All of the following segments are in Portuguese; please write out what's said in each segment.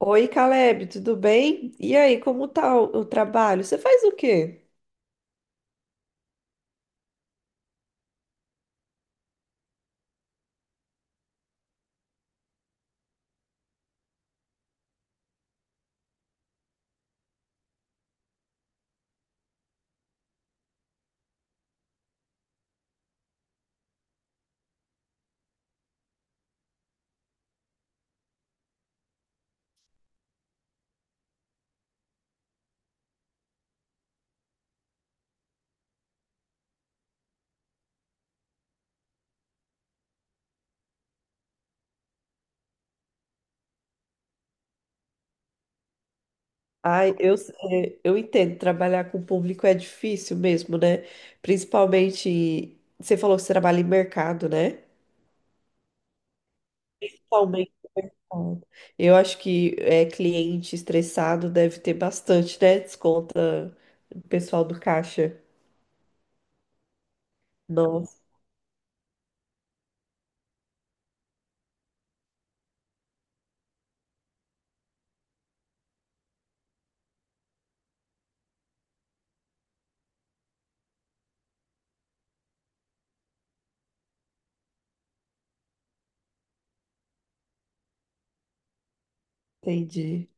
Oi, Caleb, tudo bem? E aí, como tá o trabalho? Você faz o quê? Ai, eu entendo, trabalhar com o público é difícil mesmo, né? Principalmente, você falou que você trabalha em mercado, né? Principalmente. Eu acho que cliente estressado deve ter bastante, né? Desconta o pessoal do caixa. Nossa, entendi.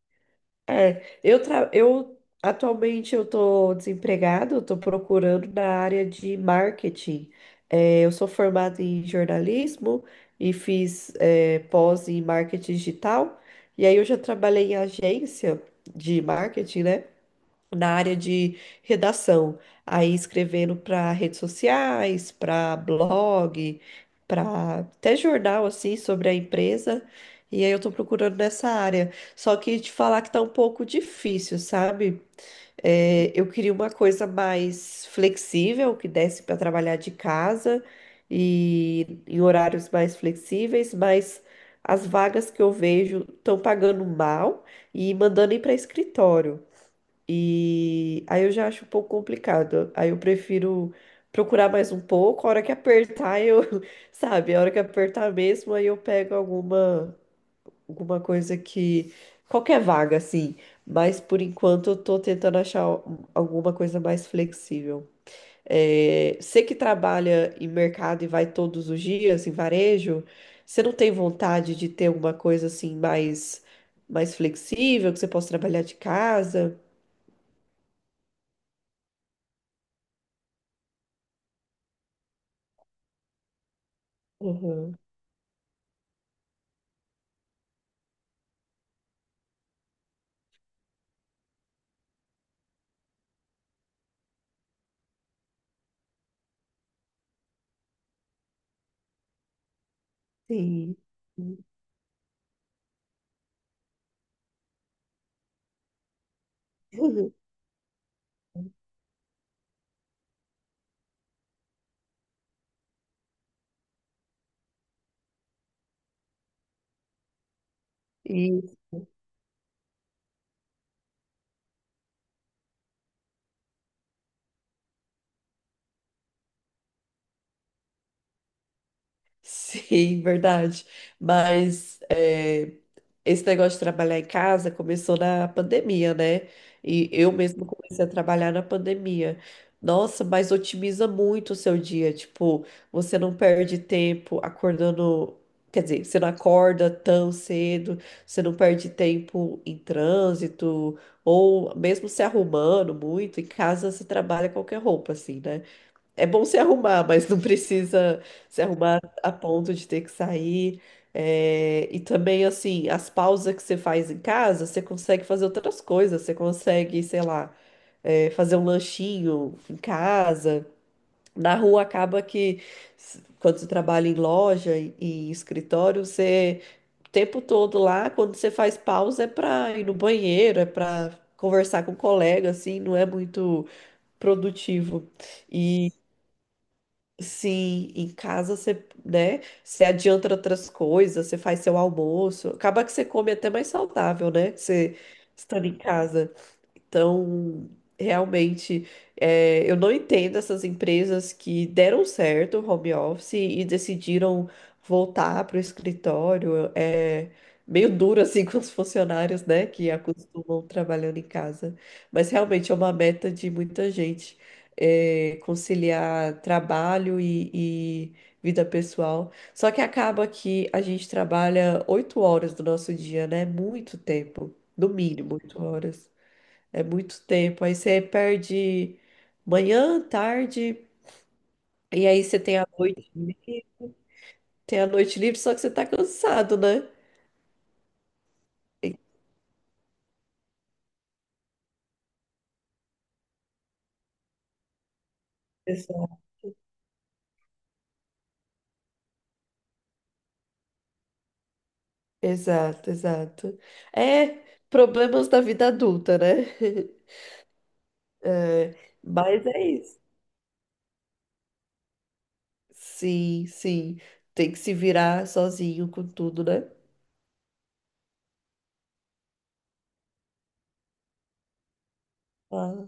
É, eu, tra... eu atualmente eu tô desempregado, eu tô procurando na área de marketing. É, eu sou formada em jornalismo e fiz pós em marketing digital. E aí eu já trabalhei em agência de marketing, né? Na área de redação, aí escrevendo para redes sociais, para blog, para até jornal assim sobre a empresa. E aí eu tô procurando nessa área. Só que te falar que tá um pouco difícil, sabe? É, eu queria uma coisa mais flexível, que desse para trabalhar de casa e em horários mais flexíveis, mas as vagas que eu vejo estão pagando mal e mandando ir para escritório. E aí eu já acho um pouco complicado. Aí eu prefiro procurar mais um pouco, a hora que apertar eu, sabe, a hora que apertar mesmo, aí eu pego alguma coisa que qualquer vaga assim, mas por enquanto eu tô tentando achar alguma coisa mais flexível. É, você que trabalha em mercado e vai todos os dias em varejo, você não tem vontade de ter uma coisa assim mais flexível, que você possa trabalhar de casa? Uhum. Sim. E, sim, verdade. Mas esse negócio de trabalhar em casa começou na pandemia, né? E eu mesma comecei a trabalhar na pandemia. Nossa, mas otimiza muito o seu dia. Tipo, você não perde tempo acordando. Quer dizer, você não acorda tão cedo, você não perde tempo em trânsito, ou mesmo se arrumando muito, em casa você trabalha qualquer roupa, assim, né? É bom se arrumar, mas não precisa se arrumar a ponto de ter que sair. É, e também, assim, as pausas que você faz em casa, você consegue fazer outras coisas. Você consegue, sei lá, fazer um lanchinho em casa. Na rua acaba que, quando você trabalha em loja e em escritório, você, o tempo todo lá, quando você faz pausa, é para ir no banheiro, é para conversar com o colega, assim, não é muito produtivo. Sim, em casa você, né, você adianta outras coisas, você faz seu almoço. Acaba que você come até mais saudável, né? Você estando em casa. Então, realmente, eu não entendo essas empresas que deram certo o home office e decidiram voltar para o escritório. É meio duro assim com os funcionários, né, que acostumam trabalhando em casa. Mas realmente é uma meta de muita gente, conciliar trabalho e vida pessoal. Só que acaba que a gente trabalha 8 horas do nosso dia, né? Muito tempo, no mínimo 8 horas. É muito tempo. Aí você perde manhã, tarde, e aí você tem a noite, livre- tem a noite livre, só que você tá cansado, né? Exato. Exato. Exato. É problemas da vida adulta, né? É, mas é isso. Sim, sim. Tem que se virar sozinho com tudo, né? Ah,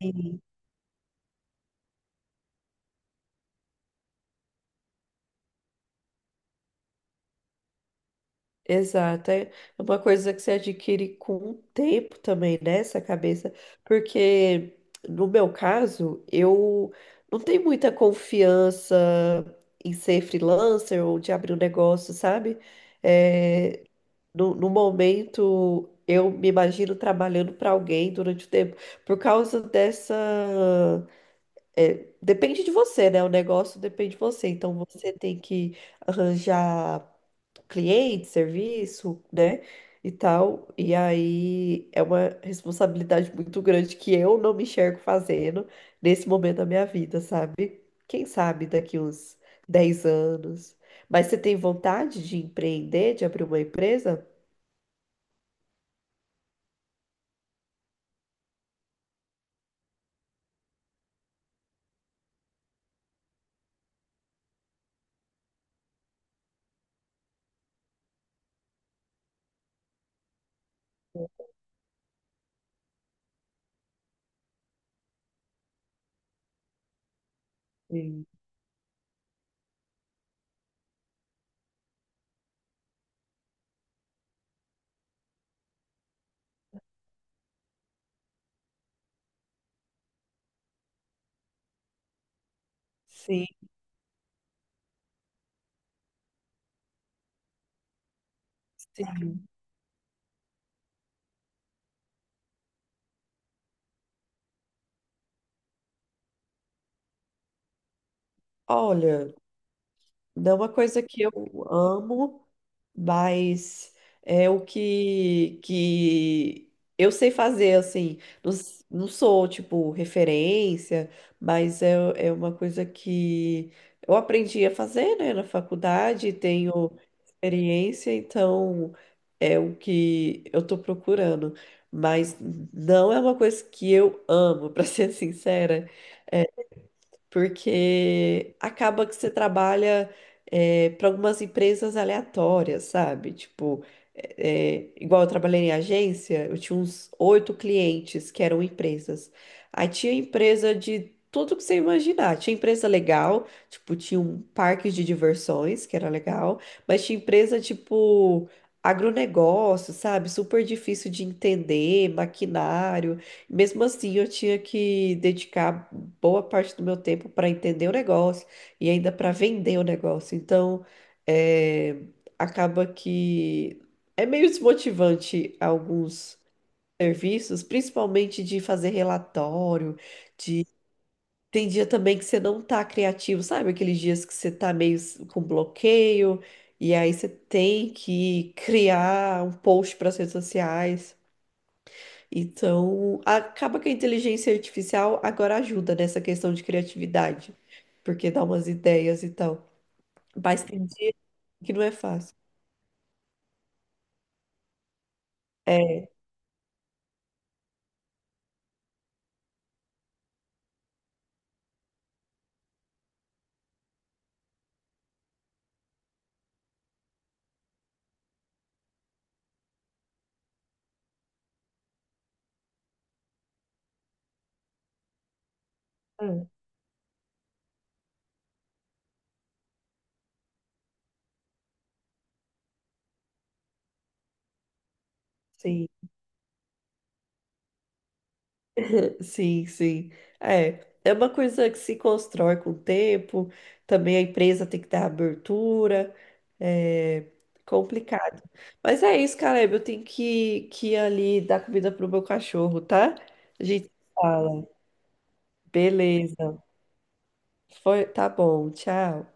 sim. Exato, é uma coisa que você adquire com o tempo também, né? Essa cabeça, porque no meu caso, eu não tenho muita confiança em ser freelancer ou de abrir um negócio, sabe? É, no momento, eu me imagino trabalhando para alguém durante o tempo, por causa dessa. Depende de você, né? O negócio depende de você, então você tem que arranjar cliente, serviço, né? E tal. E aí é uma responsabilidade muito grande que eu não me enxergo fazendo nesse momento da minha vida, sabe? Quem sabe daqui uns 10 anos. Mas você tem vontade de empreender, de abrir uma empresa? Sim. Sim. Sim. Olha, não é uma coisa que eu amo. Mas é o que eu sei fazer, assim. Não, não sou, tipo, referência, mas é uma coisa que eu aprendi a fazer, né, na faculdade, tenho experiência, então é o que eu tô procurando. Mas não é uma coisa que eu amo, pra ser sincera, porque acaba que você trabalha para algumas empresas aleatórias, sabe? Tipo, igual eu trabalhei em agência, eu tinha uns oito clientes que eram empresas. Aí tinha empresa de tudo que você imaginar. Tinha empresa legal, tipo, tinha um parque de diversões, que era legal, mas tinha empresa tipo agronegócio, sabe? Super difícil de entender, maquinário. Mesmo assim, eu tinha que dedicar boa parte do meu tempo para entender o negócio e ainda para vender o negócio. Então, é, acaba que é meio desmotivante alguns serviços, principalmente de fazer relatório. De Tem dia também que você não tá criativo, sabe? Aqueles dias que você tá meio com bloqueio e aí você tem que criar um post para as redes sociais. Então, acaba que a inteligência artificial agora ajuda nessa questão de criatividade, porque dá umas ideias e tal. Mas tem dia que não é fácil. É, hum, sim, sim, sim. É, é uma coisa que se constrói com o tempo, também a empresa tem que dar abertura, é complicado. Mas é isso, Caleb, eu tenho que ir ali dar comida pro meu cachorro, tá? A gente fala. Beleza. Foi, tá bom, tchau.